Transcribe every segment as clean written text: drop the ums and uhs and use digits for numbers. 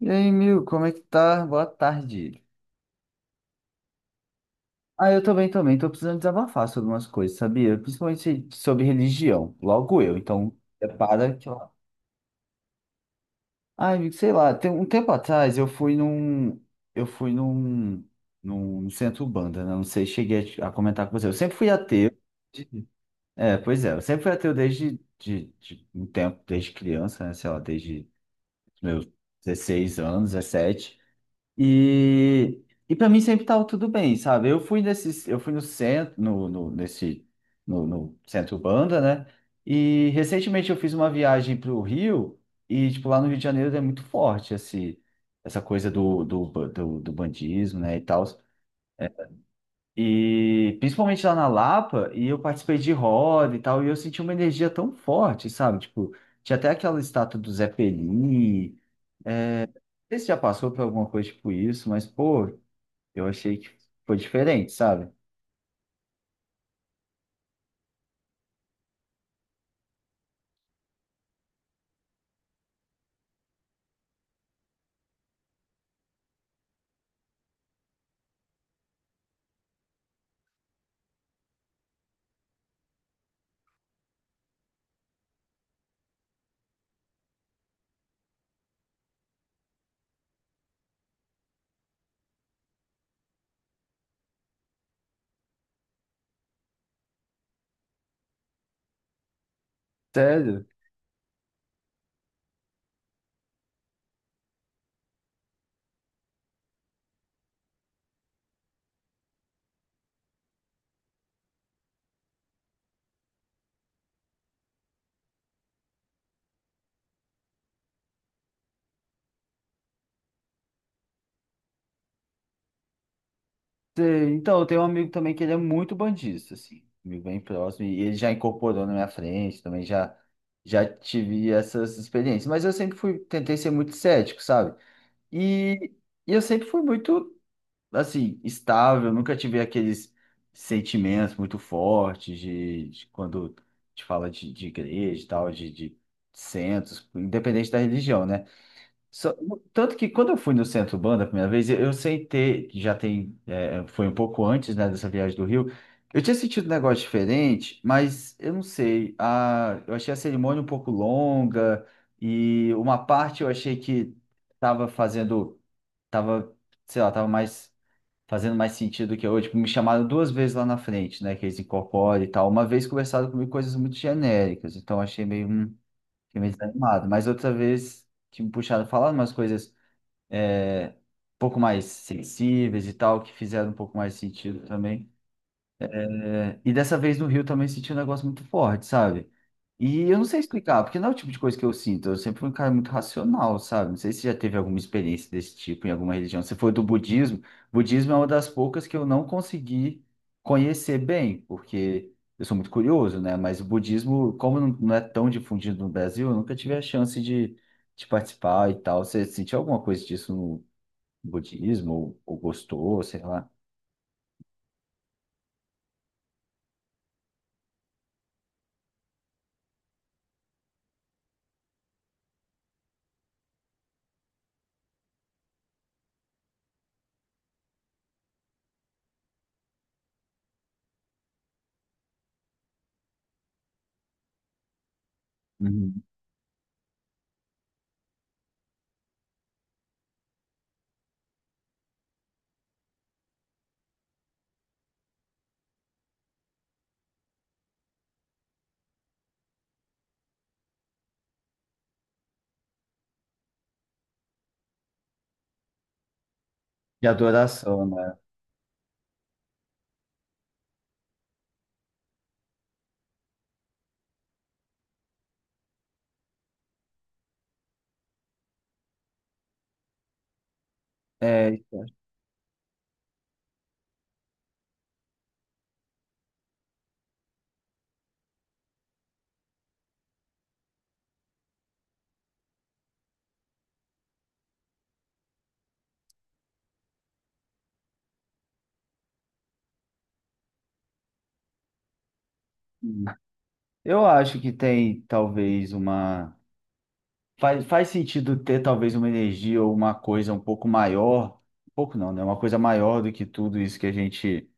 E aí, Mil, como é que tá? Boa tarde. Ah, eu também, tô precisando desabafar sobre umas coisas, sabia? Principalmente sobre religião, logo eu, então prepara que eu... Ah, amigo, sei lá, tem um tempo atrás eu fui num... Eu fui num... num centro Umbanda, né? Não sei, cheguei a comentar com você. Eu sempre fui ateu. É, pois é, eu sempre fui ateu desde de um tempo, desde criança, né? Sei lá, desde os meus 16 anos, 17. E para mim sempre tava tudo bem, sabe? Eu fui nesses, eu fui no centro, nesse, no centro banda, né? E recentemente eu fiz uma viagem para o Rio e tipo lá no Rio de Janeiro é muito forte esse, essa coisa do, do bandismo, né? E tal. E principalmente lá na Lapa e eu participei de roda e tal e eu senti uma energia tão forte, sabe? Tipo tinha até aquela estátua do Zé Pelini. Não sei se já passou por alguma coisa tipo isso, mas pô eu achei que foi diferente, sabe? Sério? Tem- Então, eu tenho um amigo também que ele é muito bandista, assim, amigo bem próximo, e ele já incorporou na minha frente, também já, já tive essas experiências. Mas eu sempre fui, tentei ser muito cético, sabe? E, e eu sempre fui muito, assim, estável, nunca tive aqueles sentimentos muito fortes de quando te fala de igreja e tal, de centros, independente da religião, né? Só- um, tanto que quando eu fui no Centro Banda a primeira vez, eu sentei, já tem, é, foi um pouco antes, né, dessa viagem do Rio, eu tinha sentido um negócio diferente, mas eu não sei, a, eu achei a cerimônia um pouco longa e uma parte eu achei que tava fazendo, tava, sei lá, tava mais, fazendo mais sentido que eu, tipo, me chamaram duas vezes lá na frente, né, que eles incorporam e tal, uma vez conversaram comigo coisas muito genéricas, então achei meio, fiquei meio desanimado, mas outra vez que me puxaram falando umas coisas pouco mais sensíveis e tal, que fizeram um pouco mais sentido também. É, e dessa vez no Rio também senti um negócio muito forte, sabe? E eu não sei explicar, porque não é o tipo de coisa que eu sinto. Eu sempre fui um cara muito racional, sabe? Não sei se já teve alguma experiência desse tipo em alguma religião. Você foi do budismo. Budismo é uma das poucas que eu não consegui conhecer bem, porque eu sou muito curioso, né? Mas o budismo, como não é tão difundido no Brasil, eu nunca tive a chance de participar e tal. Você sentiu alguma coisa disso budismo ou gostou, sei lá, Uhum. De adoração, né? É, eu acho que tem talvez uma. Faz, faz sentido ter talvez uma energia ou uma coisa um pouco maior. Um pouco não, né? Uma coisa maior do que tudo isso que a gente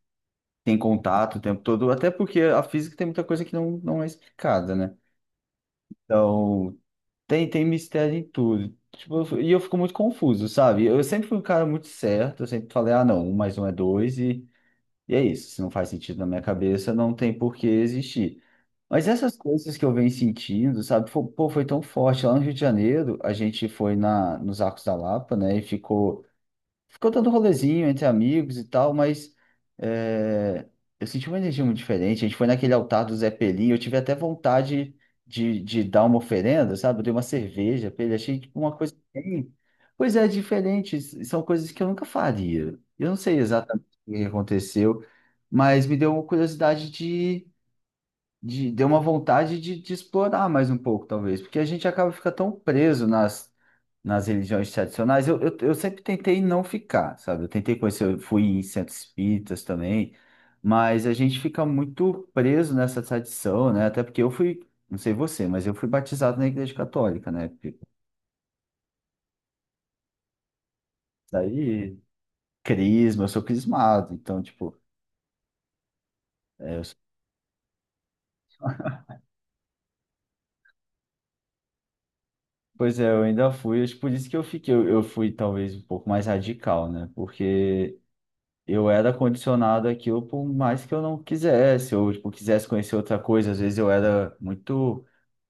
tem contato o tempo todo. Até porque a física tem muita coisa que não, não é explicada, né? Então, tem, tem mistério em tudo. Tipo, eu f- eu fico muito confuso, sabe? Eu sempre fui um cara muito certo. Eu sempre falei, ah, não, um mais um é dois. E é isso, se não faz sentido na minha cabeça, não tem por que existir. Mas essas coisas que eu venho sentindo, sabe? Fo- Pô, foi tão forte. Lá no Rio de Janeiro, a gente foi na, nos Arcos da Lapa, né? E ficou. Ficou dando rolezinho entre amigos e tal, mas é, eu senti uma energia muito diferente. A gente foi naquele altar do Zé Pelinho, eu tive até vontade de dar uma oferenda, sabe? Eu dei uma cerveja pra ele, achei tipo, uma coisa bem... Pois é, diferente, s- são coisas que eu nunca faria. Eu não sei exatamente o que aconteceu, mas me deu uma curiosidade de deu uma vontade de explorar mais um pouco, talvez, porque a gente acaba ficando tão preso nas religiões tradicionais, eu sempre tentei não ficar, sabe? Eu tentei conhecer, eu fui em centros espíritas também, mas a gente fica muito preso nessa tradição, né? Até porque eu fui, não sei você, mas eu fui batizado na Igreja Católica, né? Porque daí, crisma, eu sou crismado, então, tipo, pois é, eu ainda fui, acho que por isso que eu fiquei, eu fui talvez um pouco mais radical, né? Porque. Eu era condicionado àquilo por mais que eu não quisesse, ou tipo, quisesse conhecer outra coisa. Às vezes eu era muito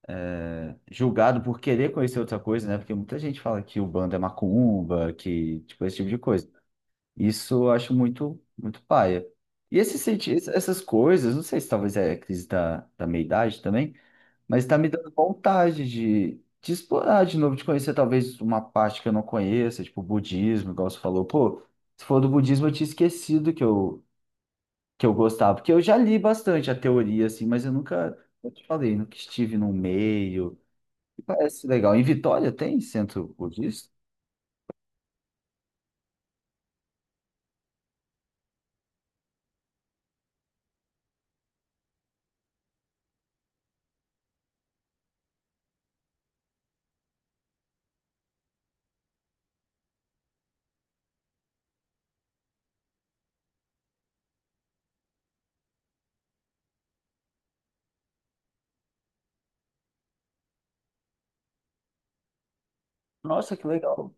é, julgado por querer conhecer outra coisa, né? Porque muita gente fala que o bando é macumba, que tipo esse tipo de coisa. Isso eu acho muito paia. E esse senti ess- essas coisas, não sei se talvez é a crise da meia-idade também, mas está me dando vontade de explorar de novo, de conhecer talvez uma parte que eu não conheça, tipo budismo, igual você falou. Pô, se for do budismo, eu tinha esquecido que eu gostava, porque eu já li bastante a teoria, assim, mas eu nunca, eu te falei, nunca estive no meio. Parece legal. Em Vitória tem centro budista? Nossa, que legal.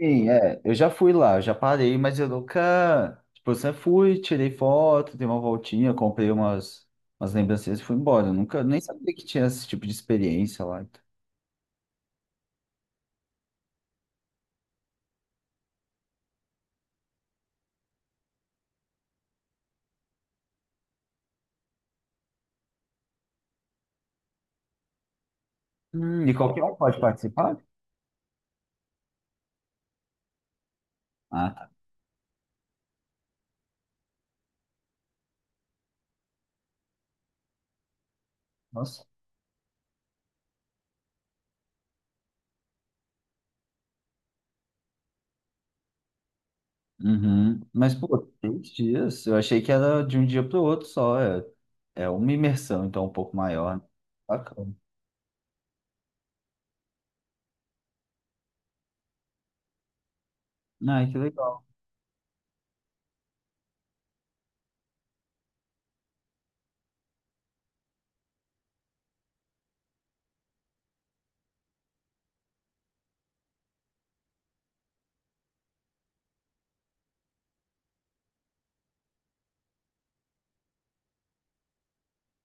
Sim, é. Eu já fui lá, eu já parei, mas eu nunca. Tipo, eu sempre fui, tirei foto, dei uma voltinha, comprei umas, umas lembrancinhas e fui embora. Eu nunca nem sabia que tinha esse tipo de experiência lá. Então. E qualquer um pode participar? Ah, tá. Nossa. Uhum. Mas, pô, três dias. Eu achei que era de um dia para o outro só. É, é uma imersão, então, um pouco maior. Né? Bacana. Ai, que legal.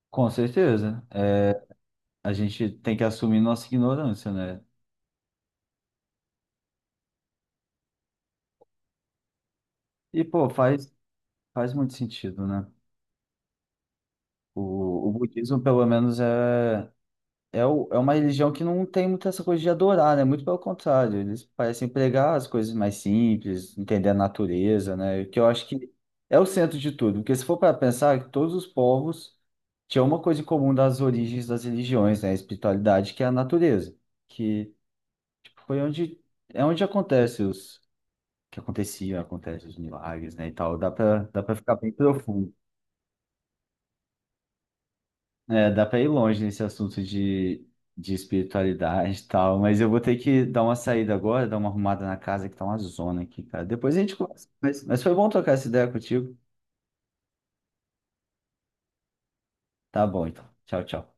Com certeza. É, a gente tem que assumir nossa ignorância, né? E, pô, faz, faz muito sentido, né? O budismo, pelo menos, é, é, o- é uma religião que não tem muita essa coisa de adorar, né? Muito pelo contrário, eles parecem pregar as coisas mais simples, entender a natureza, né? Que eu acho que é o centro de tudo. Porque se for para pensar que todos os povos tinham uma coisa em comum das origens das religiões, né? A espiritualidade, que é a natureza, que tipo, foi onde, é onde acontece os que acontecia, acontece os milagres, né, e tal. Dá para ficar bem profundo. É, dá para ir longe nesse assunto de espiritualidade e tal, mas eu vou ter que dar uma saída agora, dar uma arrumada na casa que tá uma zona aqui, cara. Depois a gente conversa. Mas, foi bom trocar essa ideia contigo. Tá bom, então. Tchau, tchau.